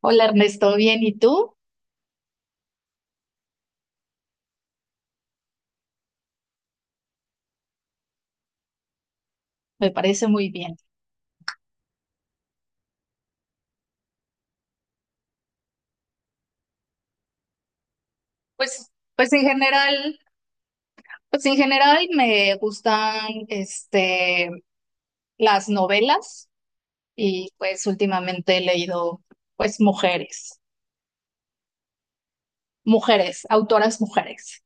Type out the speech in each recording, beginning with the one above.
Hola Ernesto, bien, ¿y tú? Me parece muy bien. Pues, pues en general, pues en general me gustan las novelas y pues últimamente he leído pues mujeres, autoras mujeres.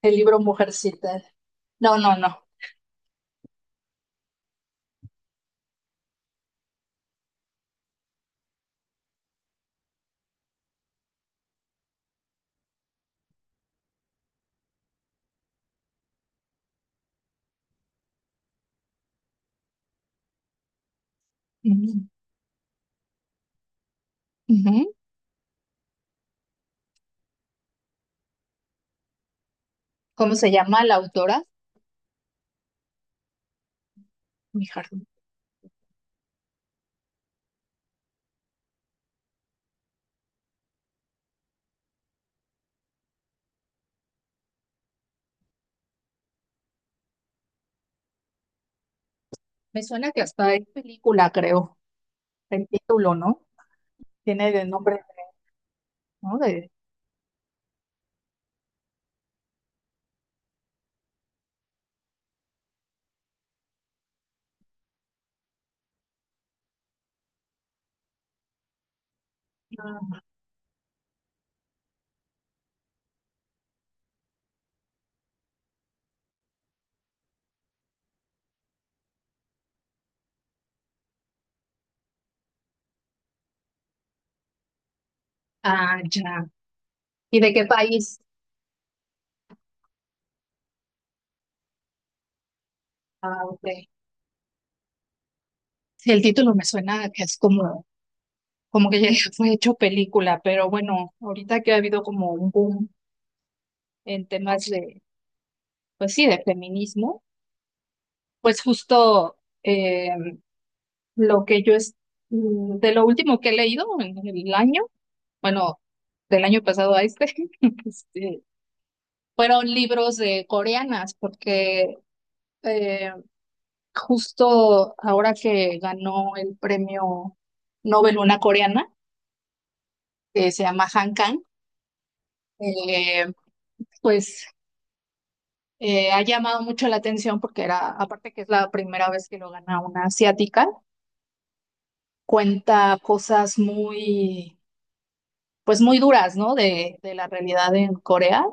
El libro Mujercita. No, no, no. Ujú, ujú. ¿Cómo se llama la autora? Mi jardín. Me suena que hasta hay película, creo, el título, ¿no? Tiene el nombre, ¿no? De. Ah, ya. ¿Y de qué país? Ah, ok. Sí, el título me suena a que es como que ya fue hecho película, pero bueno, ahorita que ha habido como un boom en temas de, pues sí, de feminismo, pues justo eh, lo que yo es, mm, de lo último que he leído en el año, bueno, del año pasado a este, este, fueron libros de coreanas, porque eh, justo ahora que ganó el premio Nobel una coreana, que se llama Han Kang, eh, pues ha llamado mucho la atención porque era, aparte que es la primera vez que lo gana una asiática, cuenta cosas muy, pues muy duras, ¿no? De la realidad en Corea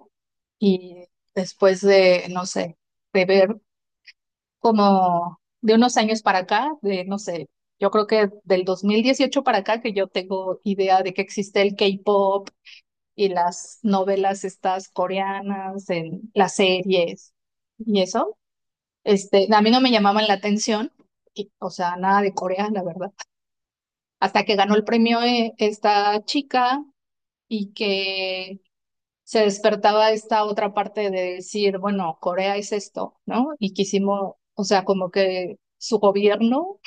y después de, no sé, de ver como de unos años para acá, de, no sé, yo creo que del 2018 para acá que yo tengo idea de que existe el K-pop y las novelas estas coreanas, en las series y eso. A mí no me llamaban la atención, y, o sea, nada de Corea, la verdad. Hasta que ganó el premio esta chica y que se despertaba esta otra parte de decir, bueno, Corea es esto, ¿no? Y quisimos, o sea, como que su gobierno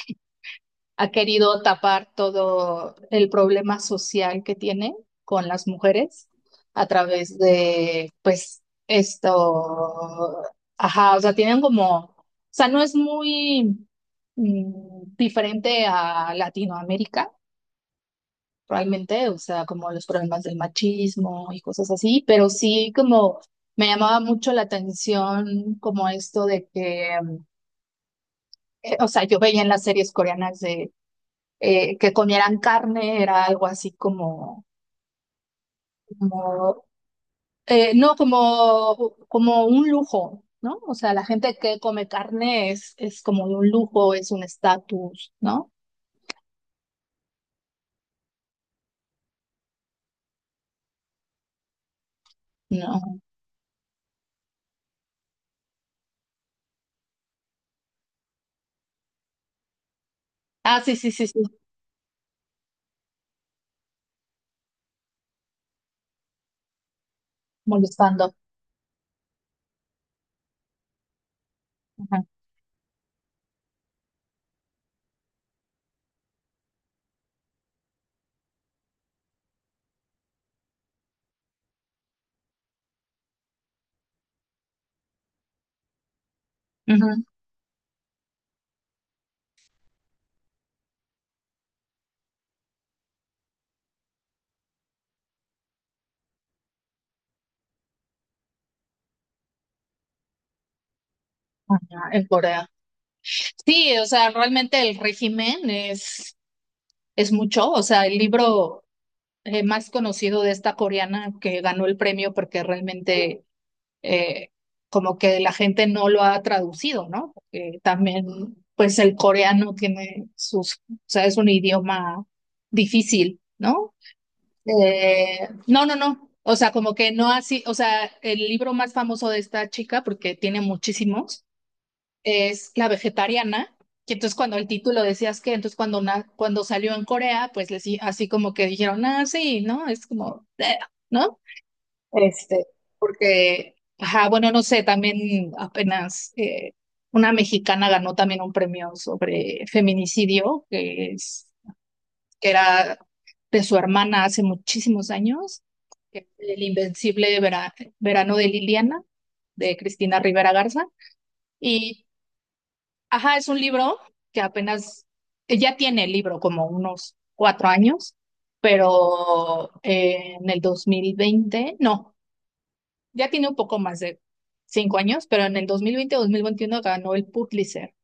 ha querido tapar todo el problema social que tiene con las mujeres a través de, pues, esto, ajá, o sea, tienen como, o sea, no es muy diferente a Latinoamérica, realmente, o sea, como los problemas del machismo y cosas así, pero sí como. Me llamaba mucho la atención como esto de que, o sea, yo veía en las series coreanas de que comieran carne era algo así como, como no, como un lujo, ¿no? O sea, la gente que come carne es como un lujo, es un estatus, ¿no? No. Ah, sí, sí, sí, sí, molestando. Ajá, ujú, ajá, en Corea. Sí, o sea, realmente el régimen es mucho, o sea, el libro más conocido de esta coreana que ganó el premio porque realmente eh, como que la gente no lo ha traducido, ¿no? Porque también, pues el coreano tiene sus, o sea, es un idioma difícil, ¿no? No, no, no. O sea, como que no así, o sea, el libro más famoso de esta chica, porque tiene muchísimos, es La vegetariana. Que entonces cuando el título decías que, entonces cuando, cuando salió en Corea, pues les, así como que dijeron, ah, sí, ¿no? Es como, ¿no? Este, porque, ajá, bueno, no sé, también apenas una mexicana ganó también un premio sobre feminicidio, que era de su hermana hace muchísimos años, que es el invencible verano de Liliana, de Cristina Rivera Garza. Y, ajá, es un libro que apenas, ya tiene el libro como unos 4 años, pero en el 2020 no. Ya tiene un poco más de 5 años, pero en el dos mil veintiuno ganó el Pulitzer.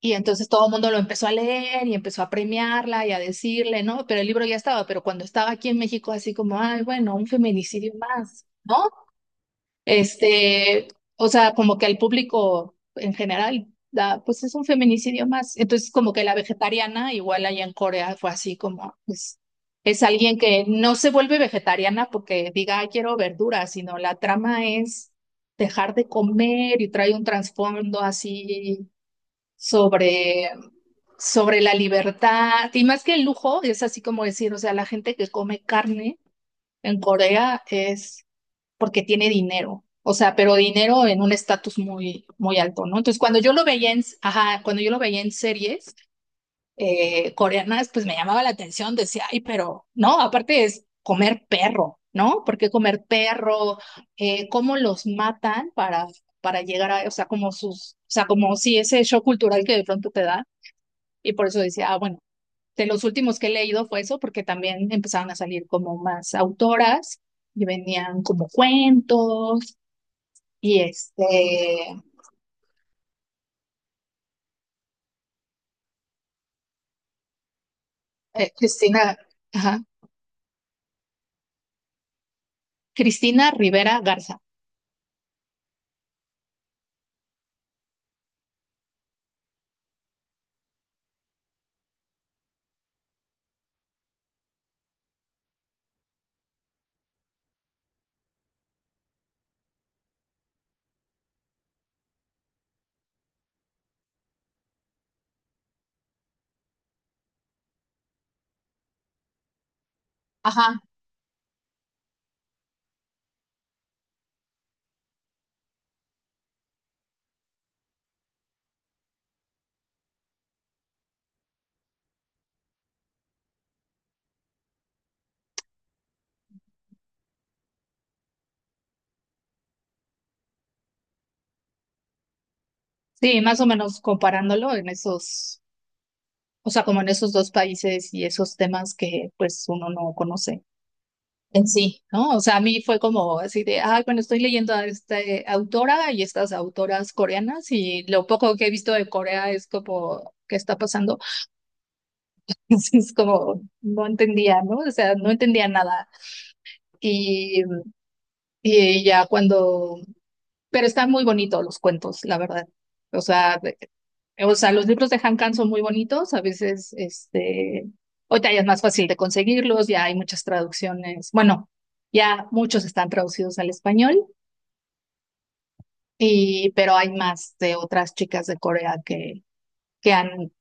Y entonces todo el mundo lo empezó a leer y empezó a premiarla y a decirle, ¿no? Pero el libro ya estaba, pero cuando estaba aquí en México, así como, ay, bueno, un feminicidio más, ¿no? Este, o sea, como que al público en general da, pues es un feminicidio más. Entonces, como que la vegetariana, igual allá en Corea, fue así como, pues, es alguien que no se vuelve vegetariana porque diga, "Ay, quiero verduras, sino la trama es dejar de comer y trae un trasfondo así sobre, sobre la libertad. Y más que el lujo, es así como decir, o sea, la gente que come carne en Corea es porque tiene dinero. O sea, pero dinero en un estatus muy, muy alto, ¿no? Entonces, cuando yo lo veía en, ajá, cuando yo lo veía en series coreanas, pues me llamaba la atención, decía, ay, pero no, aparte es comer perro, ¿no? Porque comer perro, cómo los matan para, llegar a, o sea, como sus, o sea, como si ese shock cultural que de pronto te da, y por eso decía, ah, bueno, de los últimos que he leído fue eso, porque también empezaron a salir como más autoras y venían como cuentos y Cristina, ajá, Cristina Rivera Garza. Ajá, sí, más o menos comparándolo en esos, o sea, como en esos dos países y esos temas que pues uno no conoce en sí, ¿no? O sea, a mí fue como así de, ay, bueno, estoy leyendo a esta autora y estas autoras coreanas y lo poco que he visto de Corea es como, ¿qué está pasando? Entonces es como, no entendía, ¿no? O sea, no entendía nada. Y, y ya cuando pero están muy bonitos los cuentos, la verdad. O sea, o sea, los libros de Han Kang son muy bonitos, a veces, ahorita ya es más fácil de conseguirlos, ya hay muchas traducciones, bueno, ya muchos están traducidos al español, y, pero hay más de otras chicas de Corea que han,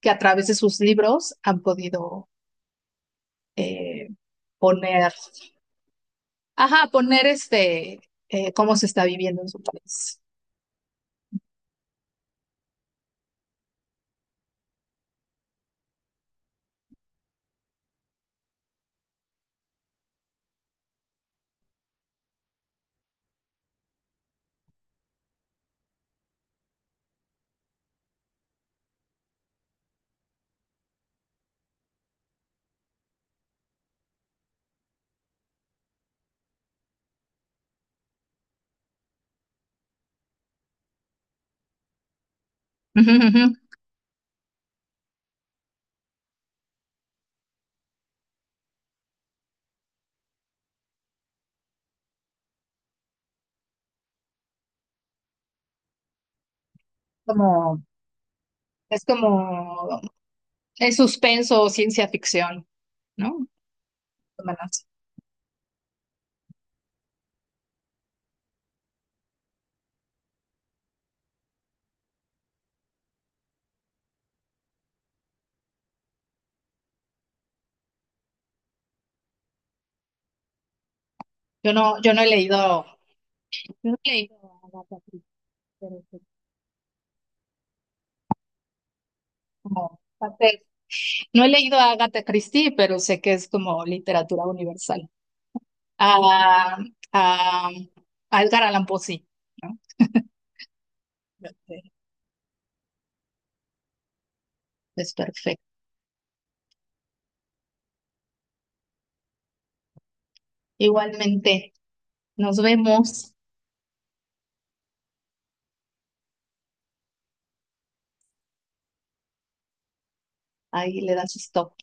que a través de sus libros han podido eh, poner, ajá, poner cómo se está viviendo en su país. Ujú, ujú. Como, como Es suspenso o ciencia ficción, ¿no? Más o menos. Yo no, yo no he leído, yo no he leído a Agatha Christie, pero sé que es como no he leído a Agatha Christie, pero sé que es como literatura universal. A, a, a Edgar Allan Poe, sí, ¿no? Ok. Es perfecto. Igualmente, nos vemos. Ahí le das stop.